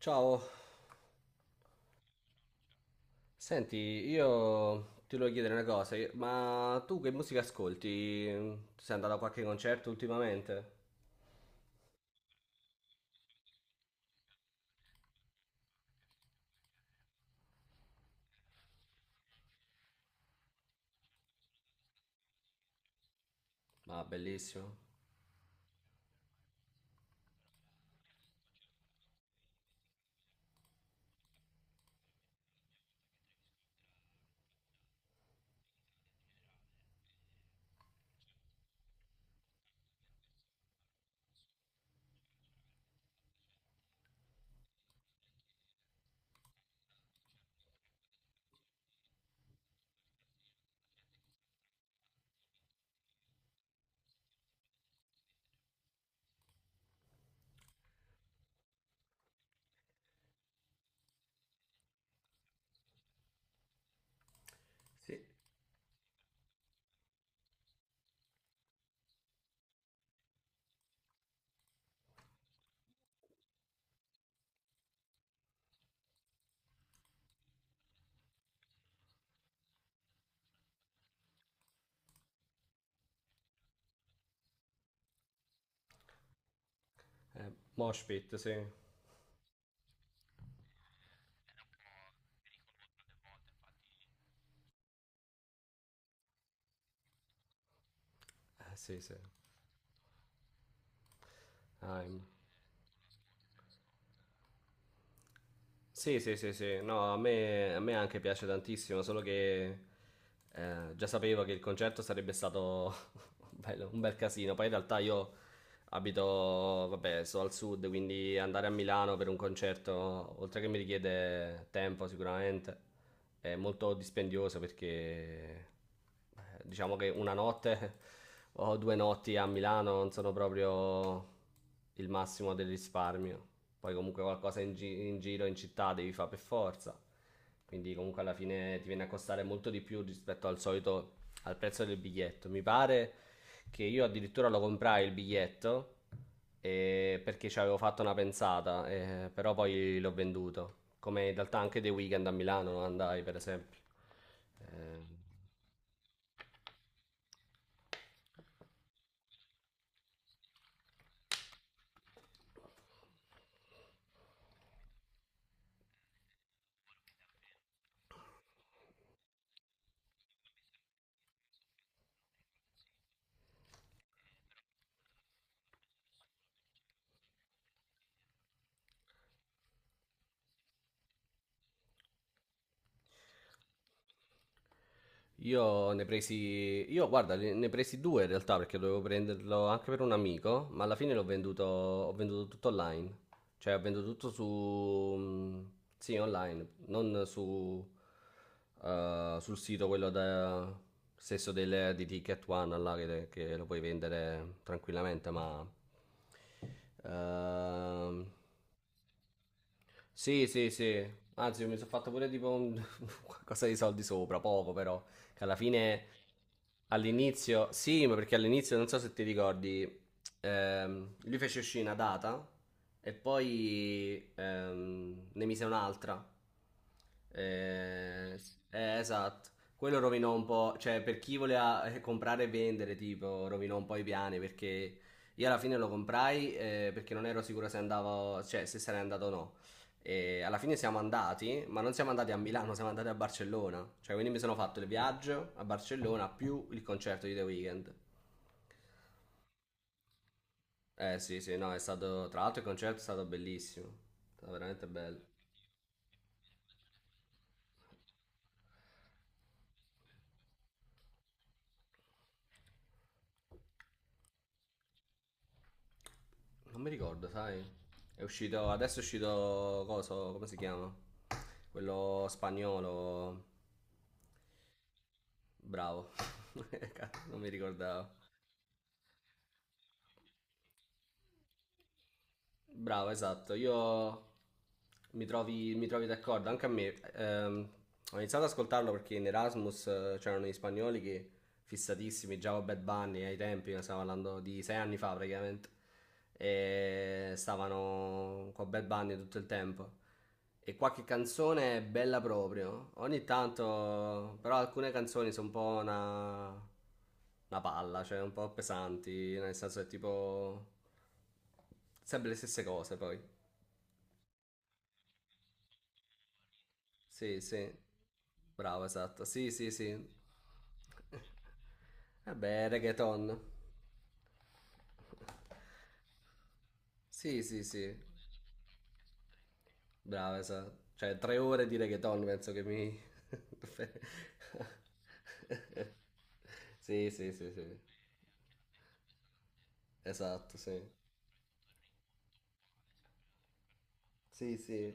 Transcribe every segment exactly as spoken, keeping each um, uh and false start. Ciao, senti, io ti volevo chiedere una cosa, io- ma tu che musica ascolti? Sei andato a qualche concerto ultimamente? Ah, bellissimo. Sì. Eh, Moshpit, sì. Eh, sì, sì. Ah, Sì, sì, sì, sì. No, a me, a me anche piace tantissimo, solo che eh, già sapevo che il concerto sarebbe stato bello, un bel casino. Poi in realtà io abito, vabbè, sto al sud, quindi andare a Milano per un concerto, oltre che mi richiede tempo sicuramente, è molto dispendioso perché eh, diciamo che una notte o due notti a Milano non sono proprio il massimo del risparmio. Poi comunque qualcosa in, gi- in giro in città devi fare per forza. Quindi comunque alla fine ti viene a costare molto di più rispetto al solito al prezzo del biglietto. Mi pare che io addirittura lo comprai il biglietto eh, perché ci avevo fatto una pensata, eh, però poi l'ho venduto. Come in realtà anche dei weekend a Milano non andai, per esempio. Eh, Io ne presi, io guarda, ne ne presi due in realtà perché dovevo prenderlo anche per un amico, ma alla fine l'ho venduto, ho venduto tutto online. Cioè, ho venduto tutto su, mm, sì, online, non su, eh, sul sito quello da, stesso del, di Ticket One là, che, che lo puoi vendere tranquillamente, ma ehm, sì, sì, sì. Anzi, io mi sono fatto pure tipo un qualcosa di soldi sopra, poco però, che alla fine all'inizio, sì, ma perché all'inizio non so se ti ricordi, ehm, lui fece uscire una data e poi ehm, ne mise un'altra. Eh, s- eh, esatto. Quello rovinò un po', cioè per chi voleva eh, comprare e vendere, tipo, rovinò un po' i piani perché io alla fine lo comprai eh, perché non ero sicuro se andavo, cioè se sarei andato o no. E alla fine siamo andati, ma non siamo andati a Milano, siamo andati a Barcellona. Cioè, quindi mi sono fatto il viaggio a Barcellona più il concerto di The Weeknd. Eh sì, sì, no, è stato. Tra l'altro il concerto è stato bellissimo. È stato veramente bello. Non mi ricordo, sai? È uscito. Adesso è uscito. Coso, come si chiama? Quello spagnolo. Bravo. Cazzo, non mi ricordavo. Bravo, esatto. Io mi trovi, mi trovi d'accordo, anche a me. Ehm, ho iniziato ad ascoltarlo perché in Erasmus eh, c'erano gli spagnoli che fissatissimi già con Bad Bunny ai tempi, stiamo parlando di sei anni fa praticamente, e stavano con Bad Bunny tutto il tempo. E qualche canzone è bella proprio, ogni tanto, però alcune canzoni sono un po' una, una palla, cioè un po' pesanti, nel senso è tipo sempre le stesse cose poi. Sì, sì, bravo, esatto, sì, sì, sì. Vabbè, reggaeton. Sì, sì, sì. Brava, esatto. Cioè, tre ore di reggaeton penso che mi... Sì, sì, sì, sì. Esatto, sì. Sì, sì.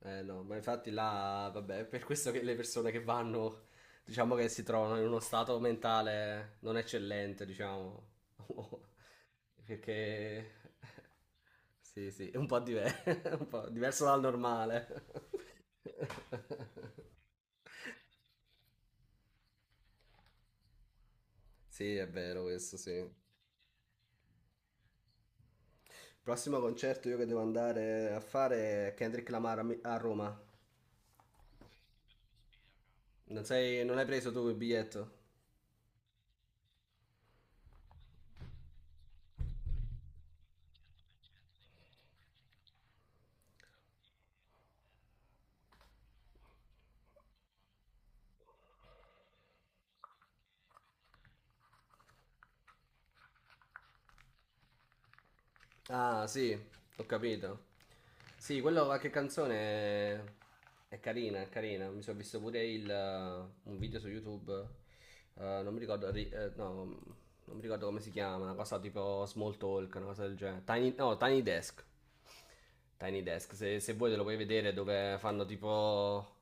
Eh no, ma infatti là, vabbè, è per questo che le persone che vanno, diciamo che si trovano in uno stato mentale non eccellente, diciamo. Perché... Sì, sì, è un po' diver- un po' diverso dal normale. Sì, è vero questo, sì. Prossimo concerto io che devo andare a fare è Kendrick Lamar a, Mi- a Roma. Non, sei- non hai preso tu il biglietto? Ah, sì, ho capito. Sì, quello qualche canzone è, è carina, è carina. Mi sono visto pure il, eh, un video su YouTube. eh, non mi ricordo, ri- eh, no, non mi ricordo come si chiama, una cosa tipo Small Talk, una cosa del genere. Tiny, no, Tiny Desk. Tiny Desk, se, se vuoi te lo puoi vedere dove fanno tipo...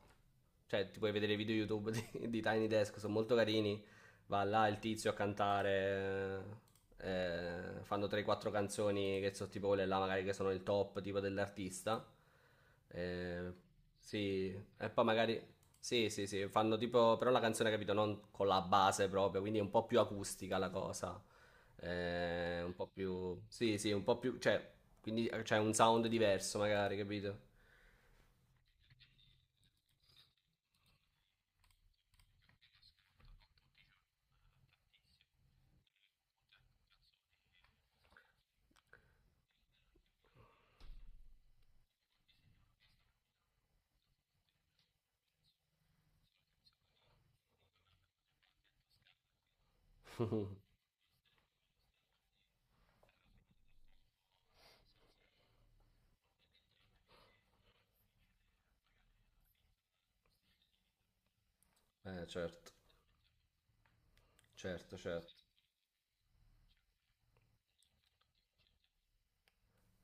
Cioè, ti puoi vedere i video YouTube di, di Tiny Desk, sono molto carini. Va là il tizio a cantare. eh, eh, fanno tre quattro canzoni che sono tipo quelle là, magari che sono il top tipo dell'artista. Eh, sì, e poi magari. Sì, sì, sì, fanno tipo. Però la canzone, capito, non con la base proprio, quindi è un po' più acustica la cosa. Eh, un po' più. Sì, sì, un po' più. Cioè, quindi c'è un sound diverso, magari, capito? Eh, certo, certo, certo.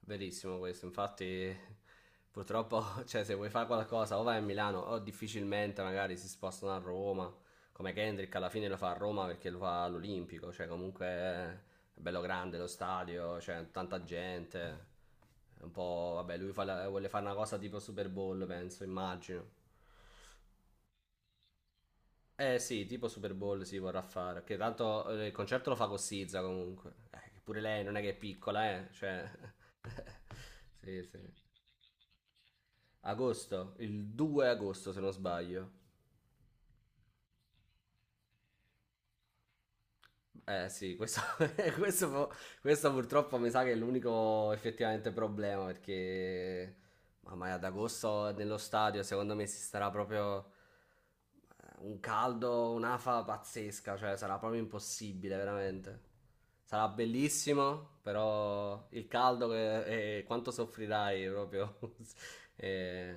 Verissimo questo, infatti purtroppo, cioè, se vuoi fare qualcosa o vai a Milano o difficilmente magari si spostano a Roma, come Kendrick alla fine lo fa a Roma perché lo fa all'Olimpico, cioè comunque è bello grande lo stadio, c'è tanta gente, è un po', vabbè, lui fa la- vuole fare una cosa tipo Super Bowl, penso, immagino. Eh sì, tipo Super Bowl si vorrà fare, che tanto eh, il concerto lo fa con Sizza comunque, Eh, che pure lei non è che è piccola, eh, cioè... Sì, sì. Agosto, il due agosto se non sbaglio. Eh sì, questo, questo fu- questo purtroppo mi sa che è l'unico effettivamente problema perché mamma mia, ad agosto nello stadio secondo me si starà proprio eh, un caldo, un'afa pazzesca, cioè sarà proprio impossibile veramente. Sarà bellissimo, però il caldo che- e quanto soffrirai proprio eh,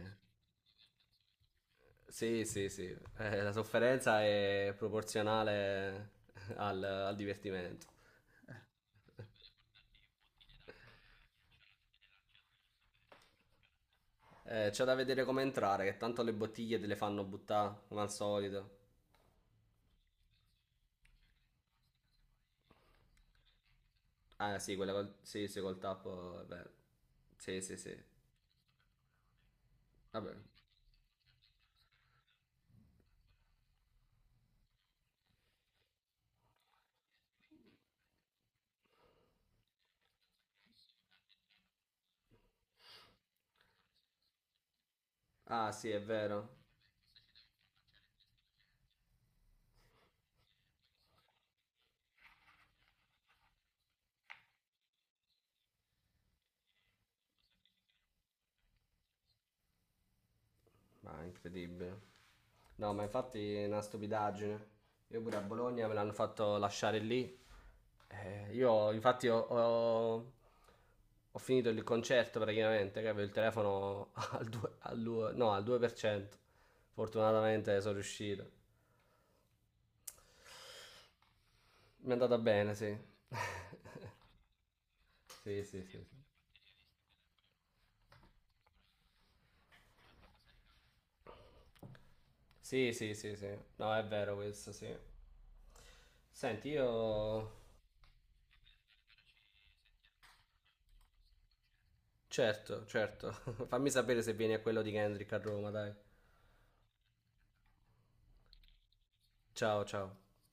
Sì, sì, sì. Eh, la sofferenza è proporzionale al, al divertimento. Eh, c'è da vedere come entrare, che tanto le bottiglie te le fanno buttare, come al solito. Ah, sì, quella col, sì, sì, col tappo, è vero. Sì, sì, sì. Vabbè. Ah, sì, è vero. Ma incredibile. No, ma infatti è una stupidaggine. Io pure a Bologna me l'hanno fatto lasciare lì. Eh, io infatti ho, ho- ho finito il concerto praticamente, che avevo il telefono al due, al due, no, al due per cento. Fortunatamente sono riuscito. Mi è andata bene, sì. Sì, sì, sì. Sì, sì, sì, sì. No, è vero questo, sì. Senti, io. Certo, certo. Fammi sapere se vieni a quello di Kendrick a Roma, dai. Ciao, ciao.